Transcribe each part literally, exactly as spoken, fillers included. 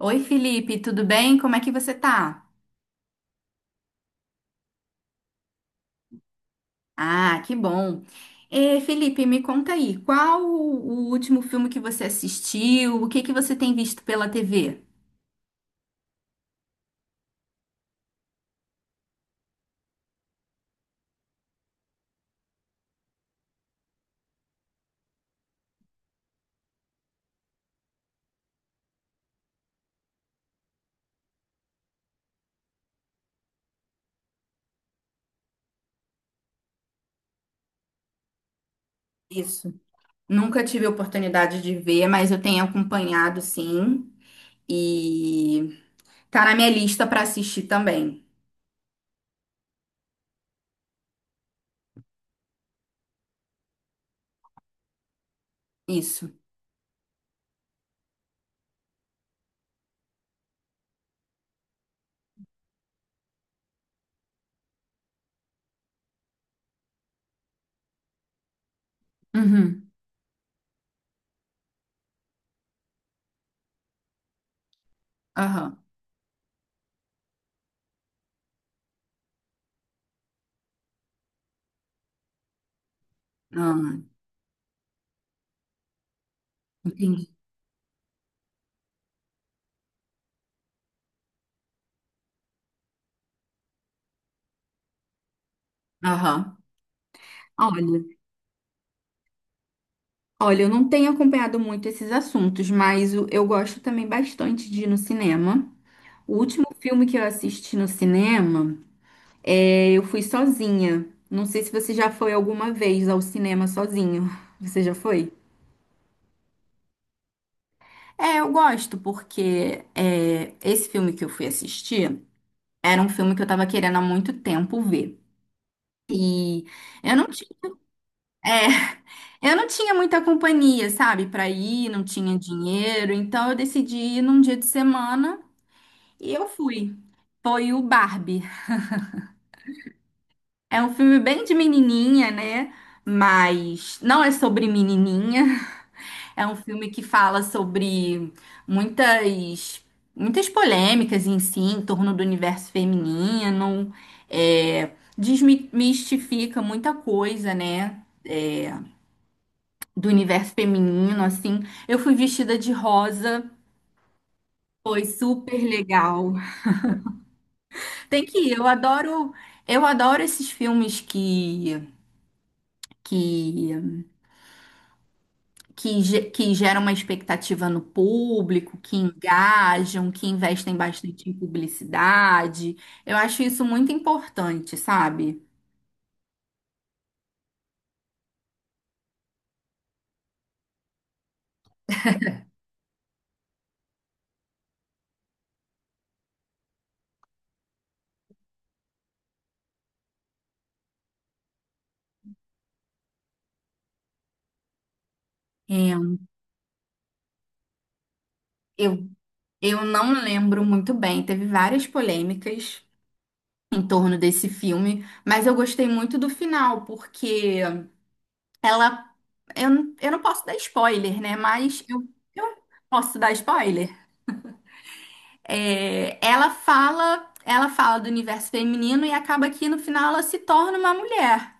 Oi, Felipe, tudo bem? Como é que você tá? Ah, que bom. Eh, Felipe, me conta aí, qual o o último filme que você assistiu? O que que você tem visto pela T V? Isso. Nunca tive a oportunidade de ver, mas eu tenho acompanhado, sim. E tá na minha lista para assistir também. Isso. Uhum. Aham. Ah, entendi. Aham. Olha, olha, eu não tenho acompanhado muito esses assuntos, mas o- eu gosto também bastante de ir no cinema. O último filme que eu assisti no cinema, é, eu fui sozinha. Não sei se você já foi alguma vez ao cinema sozinho. Você já foi? É, eu gosto porque é, esse filme que eu fui assistir era um filme que eu tava querendo há muito tempo ver. E eu não tinha, é, eu não tinha muita companhia, sabe, pra ir, não tinha dinheiro, então eu decidi ir num dia de semana e eu fui. Foi o Barbie. É um filme bem de menininha, né? Mas não é sobre menininha. É um filme que fala sobre muitas, muitas polêmicas em si, em torno do universo feminino. É, desmistifica muita coisa, né? É, do universo feminino, assim. Eu fui vestida de rosa. Foi super legal. Tem que ir. Eu adoro, eu adoro esses filmes que, que que, ge- que geram uma expectativa no público, que engajam, que investem bastante em publicidade. Eu acho isso muito importante, sabe? É, eu, eu não lembro muito bem, teve várias polêmicas em torno desse filme, mas eu gostei muito do final, porque ela. Eu, não- eu não posso dar spoiler, né? Mas eu, eu posso dar spoiler. É, ela fala, ela fala do universo feminino e acaba que no final ela se torna uma mulher.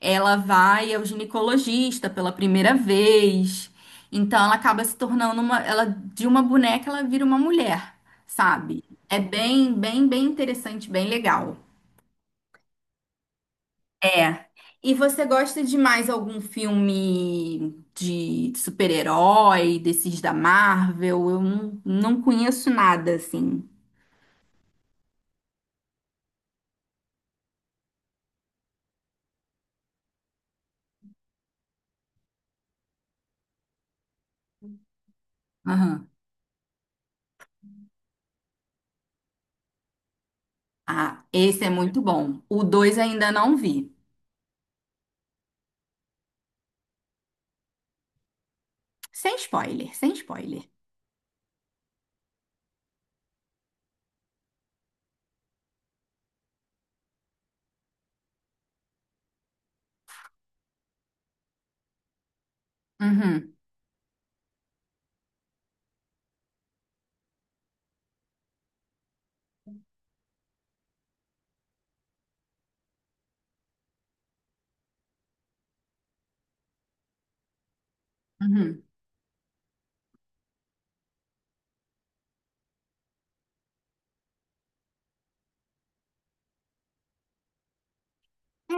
Ela vai ao ginecologista pela primeira vez. Então ela acaba se tornando uma, ela de uma boneca ela vira uma mulher, sabe? É bem, bem, bem interessante, bem legal. É. E você gosta de mais algum filme de super-herói, desses da Marvel? Eu não, não conheço nada assim. Aham. Ah, esse é muito bom. O dois ainda não vi. Sem spoiler, sem spoiler. Uhum, uhum. É,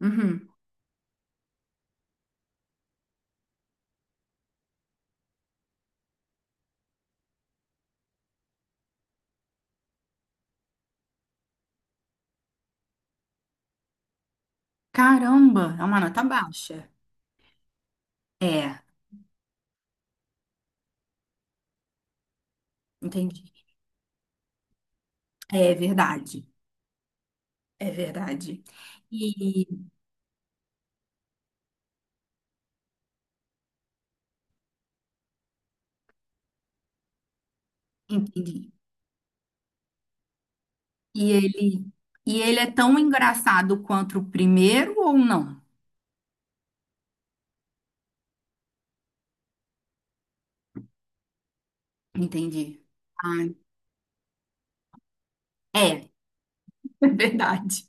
uhum. Caramba, é uma nota baixa. É, entendi. É verdade, é verdade. E entendi. E ele, e ele é tão engraçado quanto o primeiro ou não? Entendi. Ah, é, é verdade.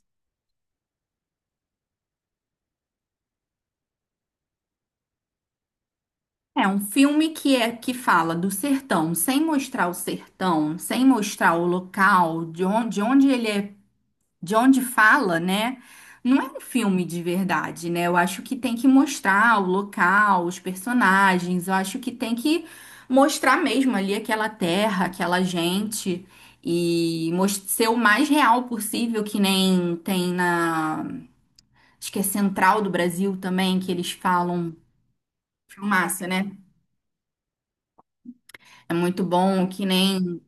É um filme que é que fala do sertão, sem mostrar o sertão, sem mostrar o local, de onde, de onde ele é, de onde fala, né? Não é um filme de verdade, né? Eu acho que tem que mostrar o local, os personagens, eu acho que tem que mostrar mesmo ali aquela terra, aquela gente e mos- ser o mais real possível, que nem tem na, acho que é Central do Brasil também, que eles falam filmaço, né? É muito bom, que nem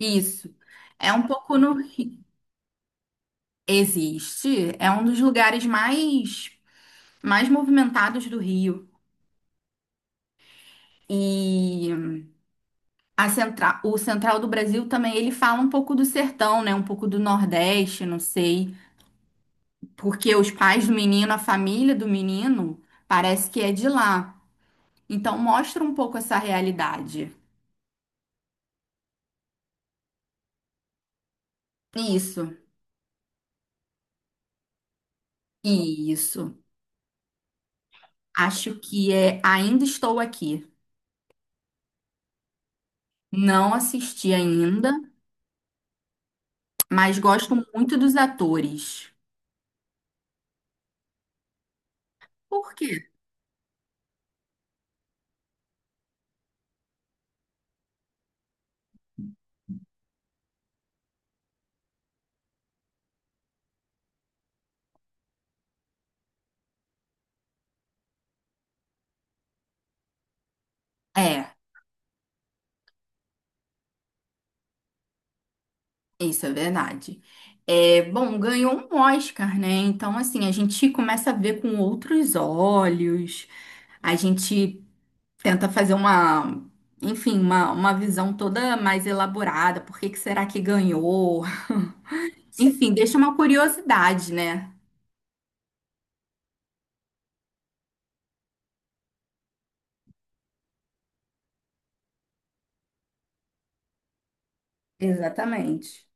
isso. É um pouco no. Ri- existe. É um dos lugares mais, mais movimentados do Rio. E a central, o central do Brasil também, ele fala um pouco do sertão, né? Um pouco do Nordeste, não sei. Porque os pais do menino, a família do menino, parece que é de lá. Então mostra um pouco essa realidade. Isso, isso. Acho que é Ainda Estou Aqui. Não assisti ainda, mas gosto muito dos atores. Por quê? É, isso é verdade. É, bom, ganhou um Oscar, né? Então, assim, a gente começa a ver com outros olhos, a gente tenta fazer uma, enfim, uma, uma visão toda mais elaborada. Por que que será que ganhou? Enfim, deixa uma curiosidade, né? Exatamente.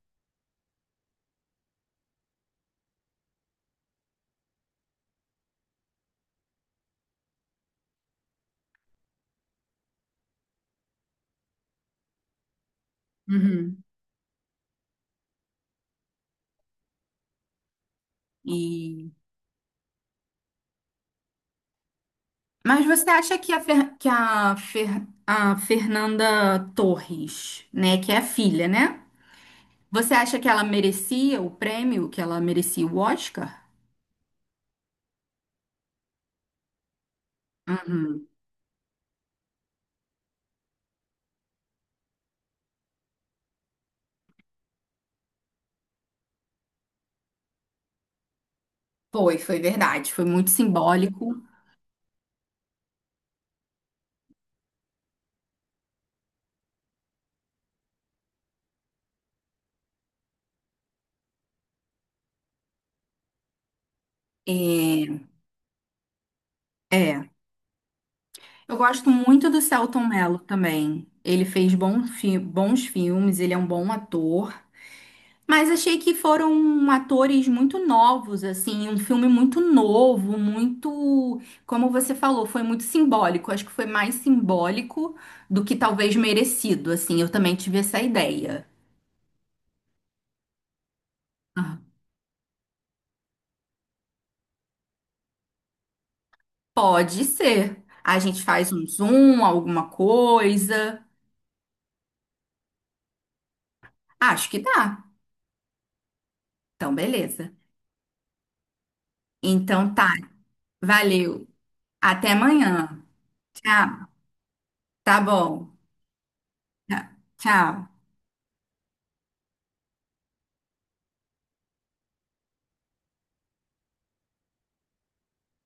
Uhum. E mas você acha que a, Fer- que a, Fer- a Fernanda Torres, né, que é a filha, né? Você acha que ela merecia o prêmio, que ela merecia o Oscar? Uhum. Foi, foi verdade. Foi muito simbólico. É, é. Eu gosto muito do Selton Mello também. Ele fez bom fi- bons filmes, ele é um bom ator. Mas achei que foram atores muito novos, assim, um filme muito novo, muito, como você falou, foi muito simbólico. Acho que foi mais simbólico do que talvez merecido, assim. Eu também tive essa ideia. Ah, pode ser. A gente faz um zoom, alguma coisa. Acho que dá. Então, beleza. Então tá. Valeu. Até amanhã. Tchau. Tá bom. Tá. Tchau.